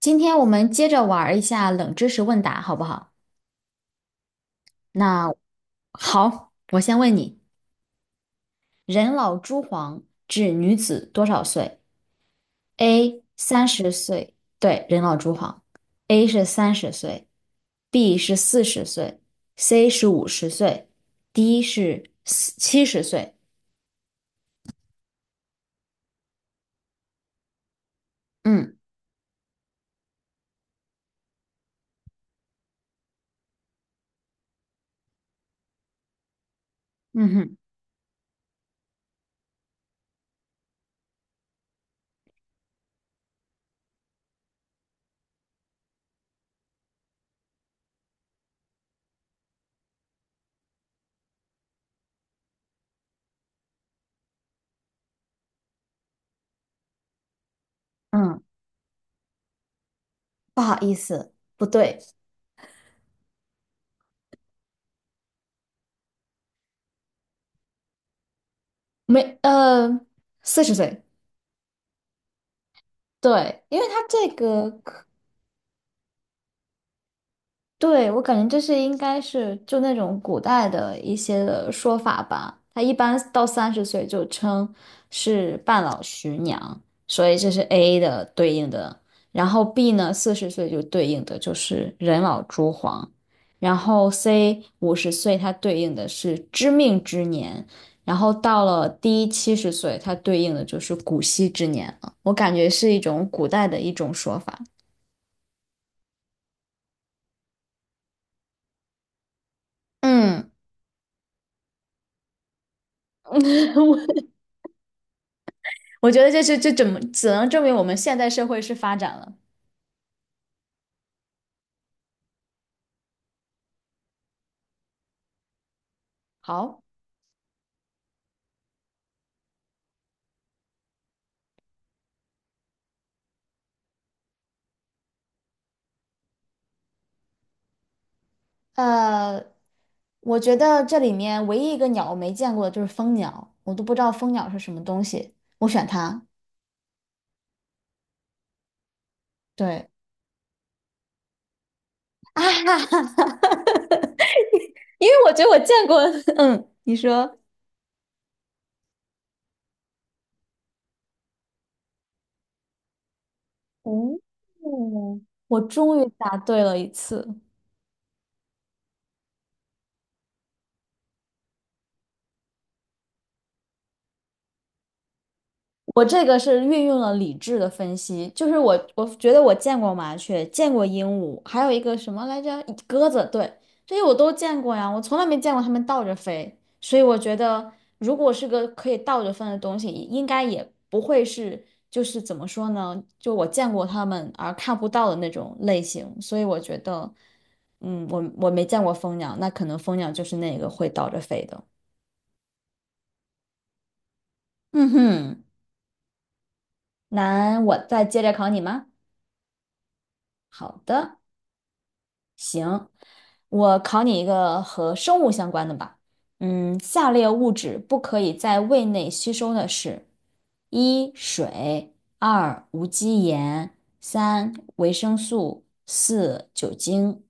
今天我们接着玩儿一下冷知识问答，好不好？那好，我先问你：人老珠黄指女子多少岁？A 三十岁，对，人老珠黄，A 是三十岁，B 是四十岁，C 是五十岁，D 是七十岁。嗯。嗯哼。嗯，不好意思，不对。没四十岁。对，因为它这个。对，我感觉这是应该是就那种古代的一些的说法吧。他一般到三十岁就称是半老徐娘，所以这是 A 的对应的。然后 B 呢，四十岁就对应的就是人老珠黄。然后 C 五十岁，它对应的是知命之年。然后到了 D 七十岁，它对应的就是古稀之年了。我感觉是一种古代的一种说法。嗯。我觉得这是这怎么只能证明我们现代社会是发展了。好，呃，我觉得这里面唯一一个鸟我没见过的就是蜂鸟，我都不知道蜂鸟是什么东西，我选它。对。 啊，哈哈，因为我觉得我见过。嗯，你说。哦，我终于答对了一次。我这个是运用了理智的分析，就是我觉得我见过麻雀，见过鹦鹉，还有一个什么来着，鸽子，对，这些我都见过呀，我从来没见过它们倒着飞，所以我觉得如果是个可以倒着飞的东西，应该也不会是就是怎么说呢，就我见过它们而看不到的那种类型，所以我觉得，嗯，我没见过蜂鸟，那可能蜂鸟就是那个会倒着飞的。嗯哼，那我再接着考你吗？好的。我考你一个和生物相关的吧。嗯，下列物质不可以在胃内吸收的是：一、水；二、无机盐；三、维生素；四、酒精。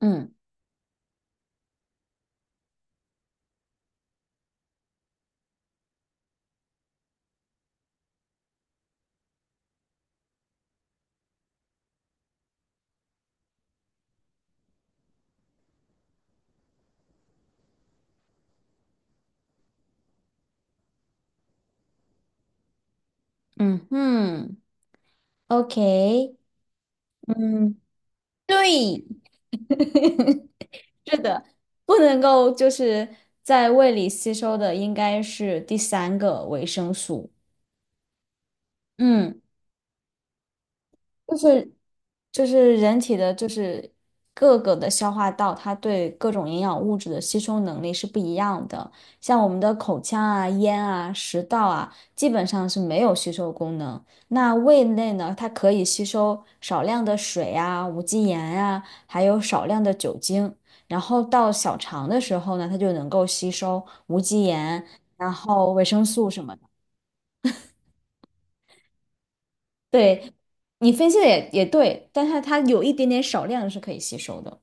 嗯。嗯。嗯，OK。嗯，对，是的，不能够就是在胃里吸收的应该是第三个维生素。嗯，就是就是人体的，就是各个的消化道，它对各种营养物质的吸收能力是不一样的。像我们的口腔啊、咽啊、食道啊，基本上是没有吸收功能。那胃内呢，它可以吸收少量的水啊、无机盐啊，还有少量的酒精。然后到小肠的时候呢，它就能够吸收无机盐，然后维生素什么的。对，你分析的也对，但是它有一点点少量是可以吸收的。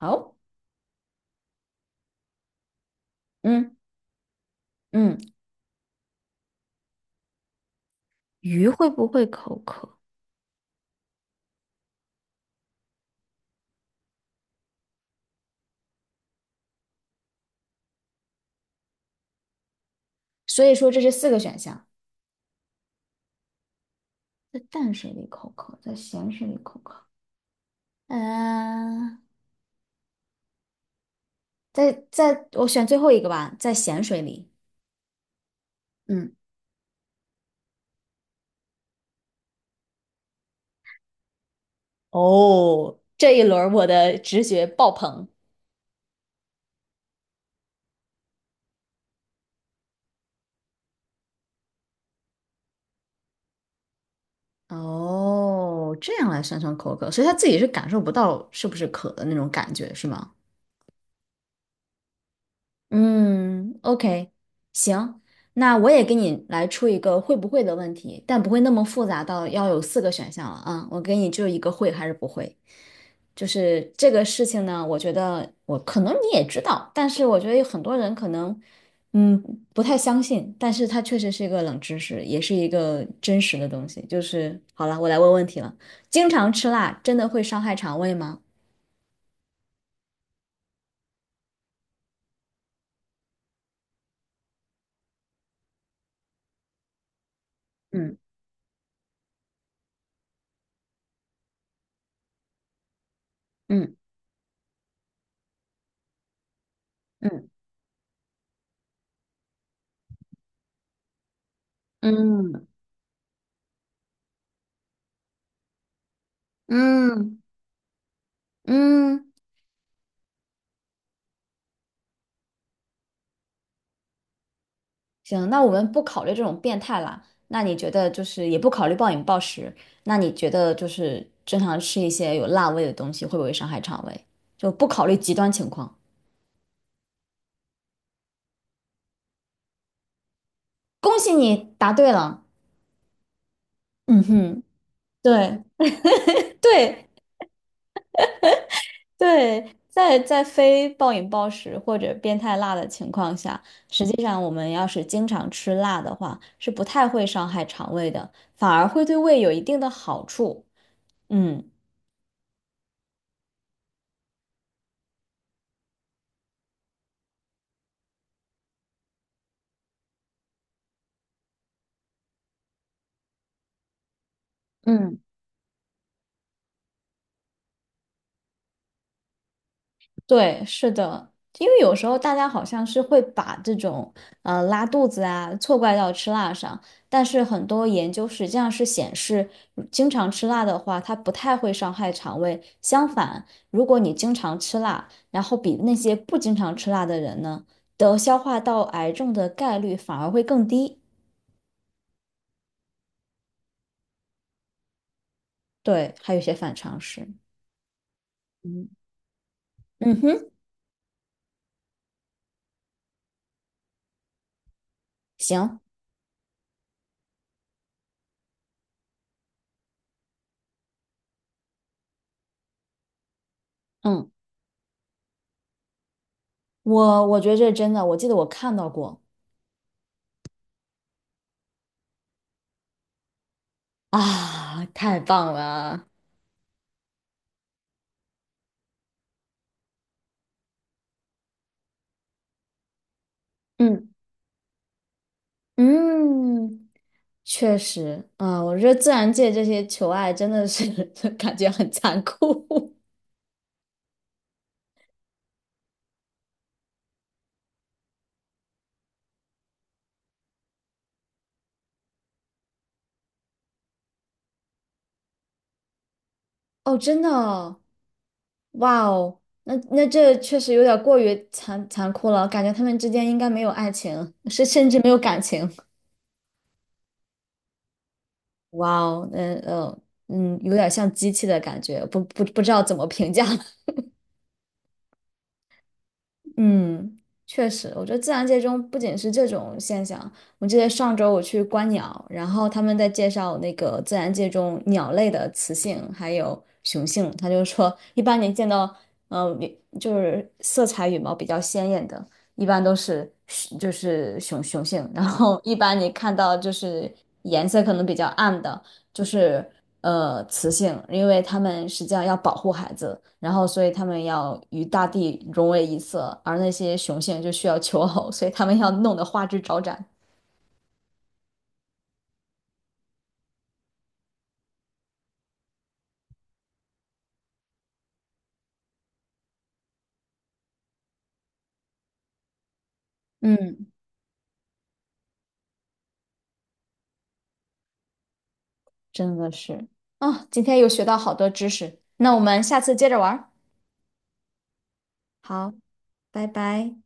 好。嗯。嗯。鱼会不会口渴？所以说这是四个选项，在淡水里口渴，在咸水里口渴。嗯、在我选最后一个吧，在咸水里。嗯。哦，这一轮儿我的直觉爆棚。哦，这样来算算口渴，所以他自己是感受不到是不是渴的那种感觉，是吗？嗯，OK,行，那我也给你来出一个会不会的问题，但不会那么复杂到要有四个选项了啊。我给你就一个会还是不会，就是这个事情呢，我觉得我可能你也知道，但是我觉得有很多人可能嗯不太相信，但是它确实是一个冷知识，也是一个真实的东西。就是好了，我来问问题了，经常吃辣真的会伤害肠胃吗？嗯。嗯。嗯。嗯。嗯。嗯。行，那我们不考虑这种变态啦。那你觉得就是也不考虑暴饮暴食，那你觉得就是正常吃一些有辣味的东西会不会伤害肠胃？就不考虑极端情况。恭喜你答对了。嗯哼，对对对，在非暴饮暴食或者变态辣的情况下，实际上我们要是经常吃辣的话，是不太会伤害肠胃的，反而会对胃有一定的好处。嗯。嗯。对，是的，因为有时候大家好像是会把这种拉肚子啊错怪到吃辣上，但是很多研究实际上是显示，经常吃辣的话，它不太会伤害肠胃。相反，如果你经常吃辣，然后比那些不经常吃辣的人呢，得消化道癌症的概率反而会更低。对，还有一些反常识。嗯。嗯哼。行。嗯，我觉得这是真的，我记得我看到过啊，太棒了。嗯。嗯，确实啊，我觉得自然界这些求爱真的是 感觉很残酷 哦，真的哦，哇哦，那这确实有点过于残酷了，感觉他们之间应该没有爱情，是甚至没有感情。哇哦，嗯嗯，有点像机器的感觉，不知道怎么评价嗯，确实，我觉得自然界中不仅是这种现象。我记得上周我去观鸟，然后他们在介绍那个自然界中鸟类的雌性还有雄性，他就说，一般你见到，嗯、就是色彩羽毛比较鲜艳的，一般都是就是雄性，然后一般你看到就是颜色可能比较暗的。就是雌性，因为它们实际上要保护孩子，然后所以它们要与大地融为一色，而那些雄性就需要求偶，所以它们要弄得花枝招展，嗯，真的是。啊，今天又学到好多知识，那我们下次接着玩儿。好，拜拜。